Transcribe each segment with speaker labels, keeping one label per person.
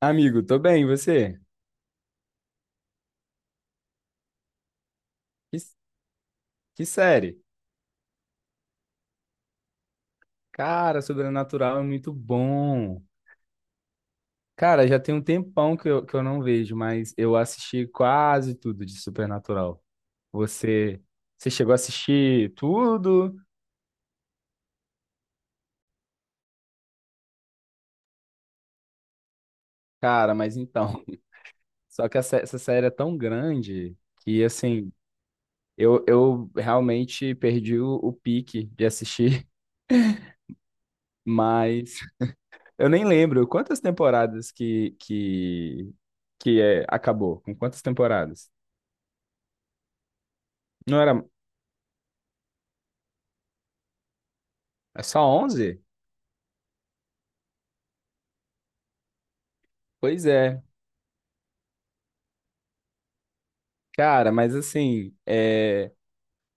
Speaker 1: Amigo, tô bem, e você? Que, que série? Cara, Sobrenatural é muito bom. Cara, já tem um tempão que eu não vejo, mas eu assisti quase tudo de Supernatural. Você, você chegou a assistir tudo? Cara, mas então. Só que essa série é tão grande que, assim, eu realmente perdi o pique de assistir, mas eu nem lembro quantas temporadas que é, acabou, com quantas temporadas? Não era é só 11? Pois é. Cara, mas assim,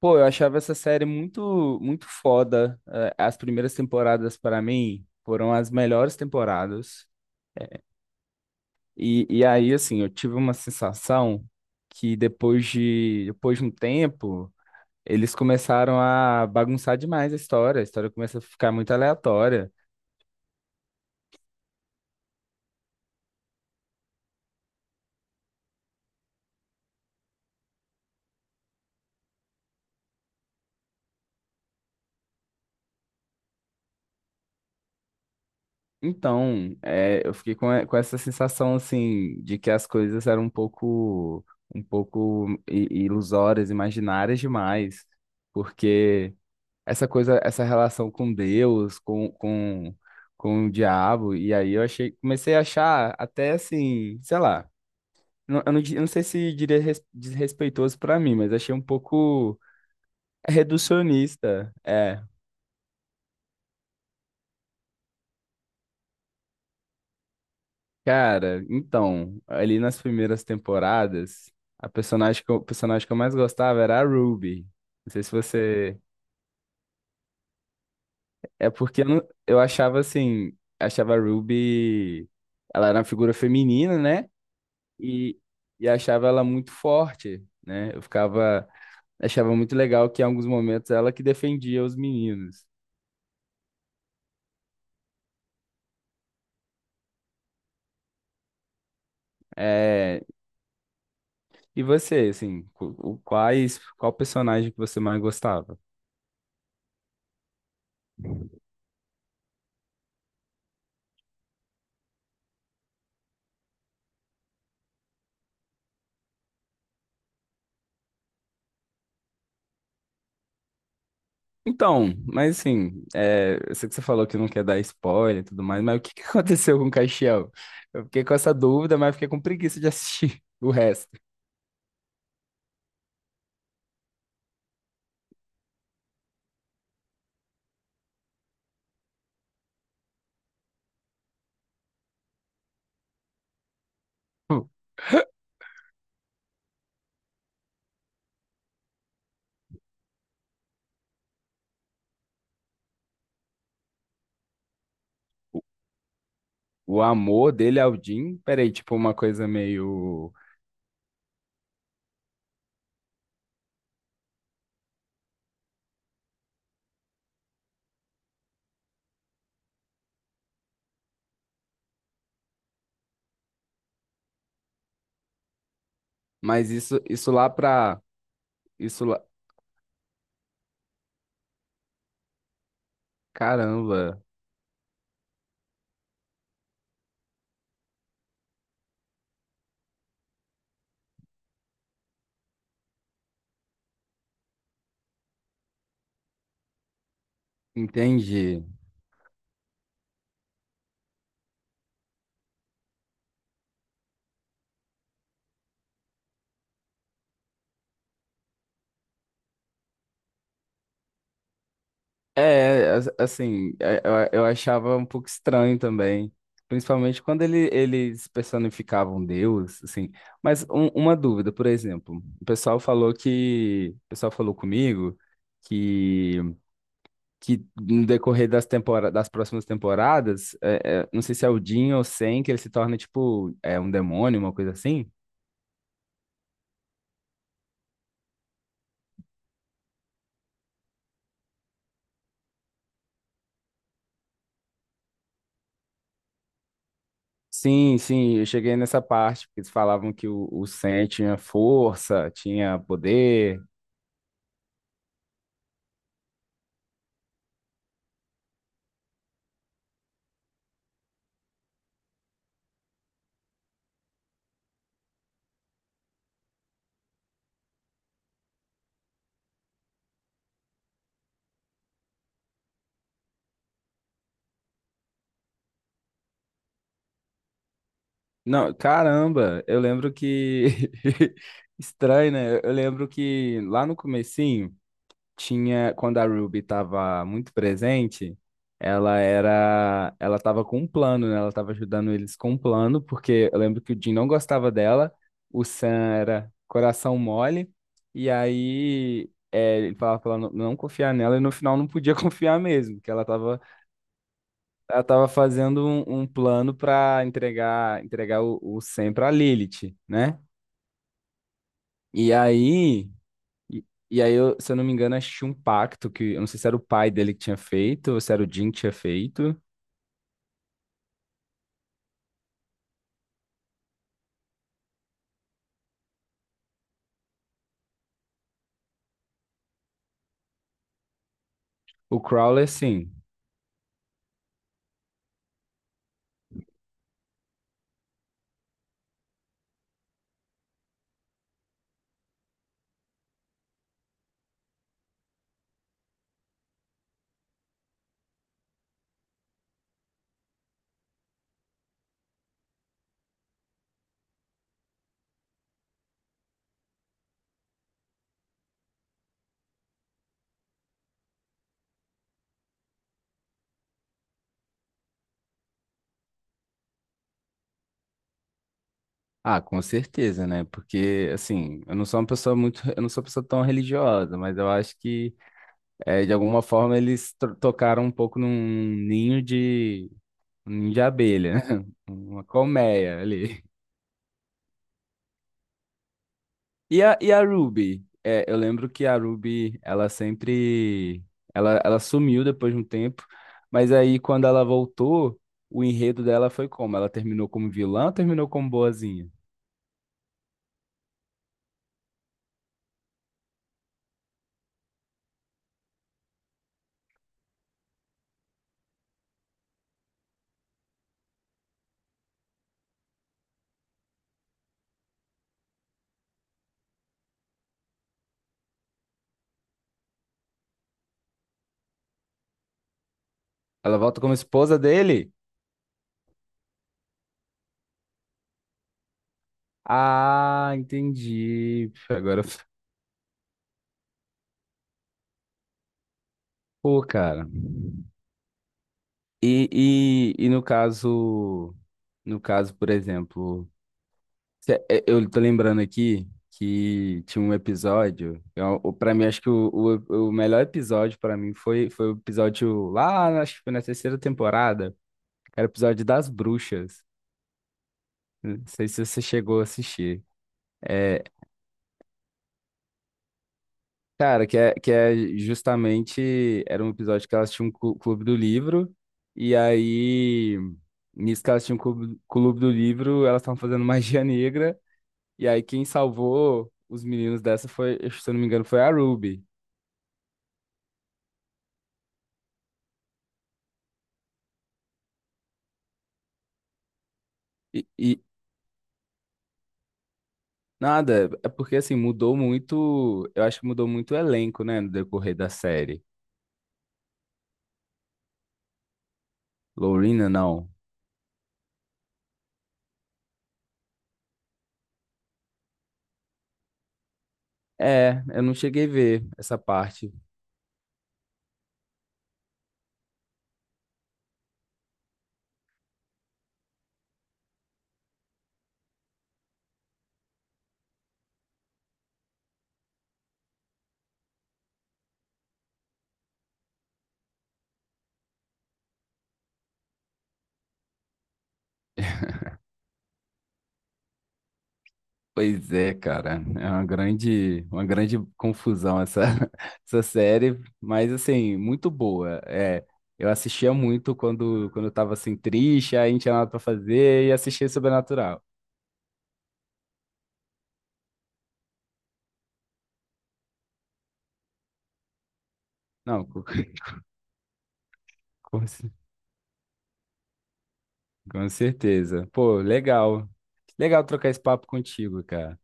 Speaker 1: pô, eu achava essa série muito foda. É, as primeiras temporadas, para mim, foram as melhores temporadas. E aí, assim, eu tive uma sensação que depois de um tempo, eles começaram a bagunçar demais a história. A história começa a ficar muito aleatória. Então, é, eu fiquei com essa sensação assim de que as coisas eram um pouco ilusórias, imaginárias demais, porque essa relação com Deus, com o diabo, e aí eu comecei a achar até assim, sei lá, eu eu não sei se diria desrespeitoso para mim, mas achei um pouco reducionista, é. Cara, então, ali nas primeiras temporadas, a personagem o personagem que eu mais gostava era a Ruby. Não sei se você. É porque eu, não- eu achava assim. Achava a Ruby. Ela era uma figura feminina, né? E, e achava ela muito forte, né? Eu ficava. Achava muito legal que em alguns momentos ela que defendia os meninos. É, e você, assim, qual personagem que você mais gostava? Então, mas assim, é, eu sei que você falou que não quer dar spoiler e tudo mais, mas o que que aconteceu com o Caixão? Eu fiquei com essa dúvida, mas fiquei com preguiça de assistir o resto. O amor dele ao Jim, peraí, tipo uma coisa meio. Mas isso lá pra. Isso lá. Caramba, entendi. É, assim, é, eu achava um pouco estranho também, principalmente quando eles personificavam Deus, assim. Mas uma dúvida, por exemplo, o pessoal falou comigo que, que no decorrer das temporadas, das próximas temporadas, não sei se é o Jin ou o Sen, que ele se torna um demônio, uma coisa assim. Sim, sim, eu cheguei nessa parte, porque eles falavam que o Sen tinha força, tinha poder. Não, caramba, eu lembro que estranho, né? Eu lembro que lá no comecinho tinha quando a Ruby estava muito presente, ela estava com um plano, né? Ela estava ajudando eles com um plano, porque eu lembro que o Jim não gostava dela, o Sam era coração mole, e aí é, ele falava pra ela não confiar nela e no final não podia confiar mesmo, que ela tava fazendo um plano para entregar o Sen para Lilith, né? E aí, e, e aí eu, se eu não me engano, acho que tinha um pacto que eu não sei se era o pai dele que tinha feito ou se era o Jin que tinha feito. O Crowler, sim. Ah, com certeza, né? Porque assim, eu não sou uma pessoa tão religiosa, mas eu acho que é, de alguma forma eles tocaram um pouco num ninho de um ninho de abelha, né? Uma colmeia ali. E e a Ruby? É, eu lembro que a Ruby, ela sempre. Ela sumiu depois de um tempo, mas aí quando ela voltou, o enredo dela foi como? Ela terminou como vilã ou terminou como boazinha? Ela volta como esposa dele? Ah, entendi. Agora, pô, cara. E, e no caso. No caso, por exemplo. Eu tô lembrando aqui que tinha um episódio. Pra mim, acho que o melhor episódio pra mim foi o episódio lá, acho que foi na terceira temporada. Era o episódio das bruxas. Não sei se você chegou a assistir. É, cara, que é justamente. Era um episódio que elas tinham um clube do livro. E aí, nisso que elas tinham um clube do livro, elas estavam fazendo magia negra. E aí, quem salvou os meninos dessa foi, se eu não me engano, foi a Ruby. E nada, é porque assim, mudou muito. Eu acho que mudou muito o elenco, né, no decorrer da série. Lorena, não. É, eu não cheguei a ver essa parte. Pois é, cara, é uma uma grande confusão essa, essa série, mas assim, muito boa. É, eu assistia muito quando eu tava assim triste, aí não tinha nada pra fazer e assistia Sobrenatural. Não, com, com, cer- com certeza. Pô, legal. Legal trocar esse papo contigo, cara.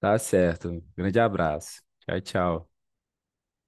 Speaker 1: Tá certo. Grande abraço. Tchau, tchau.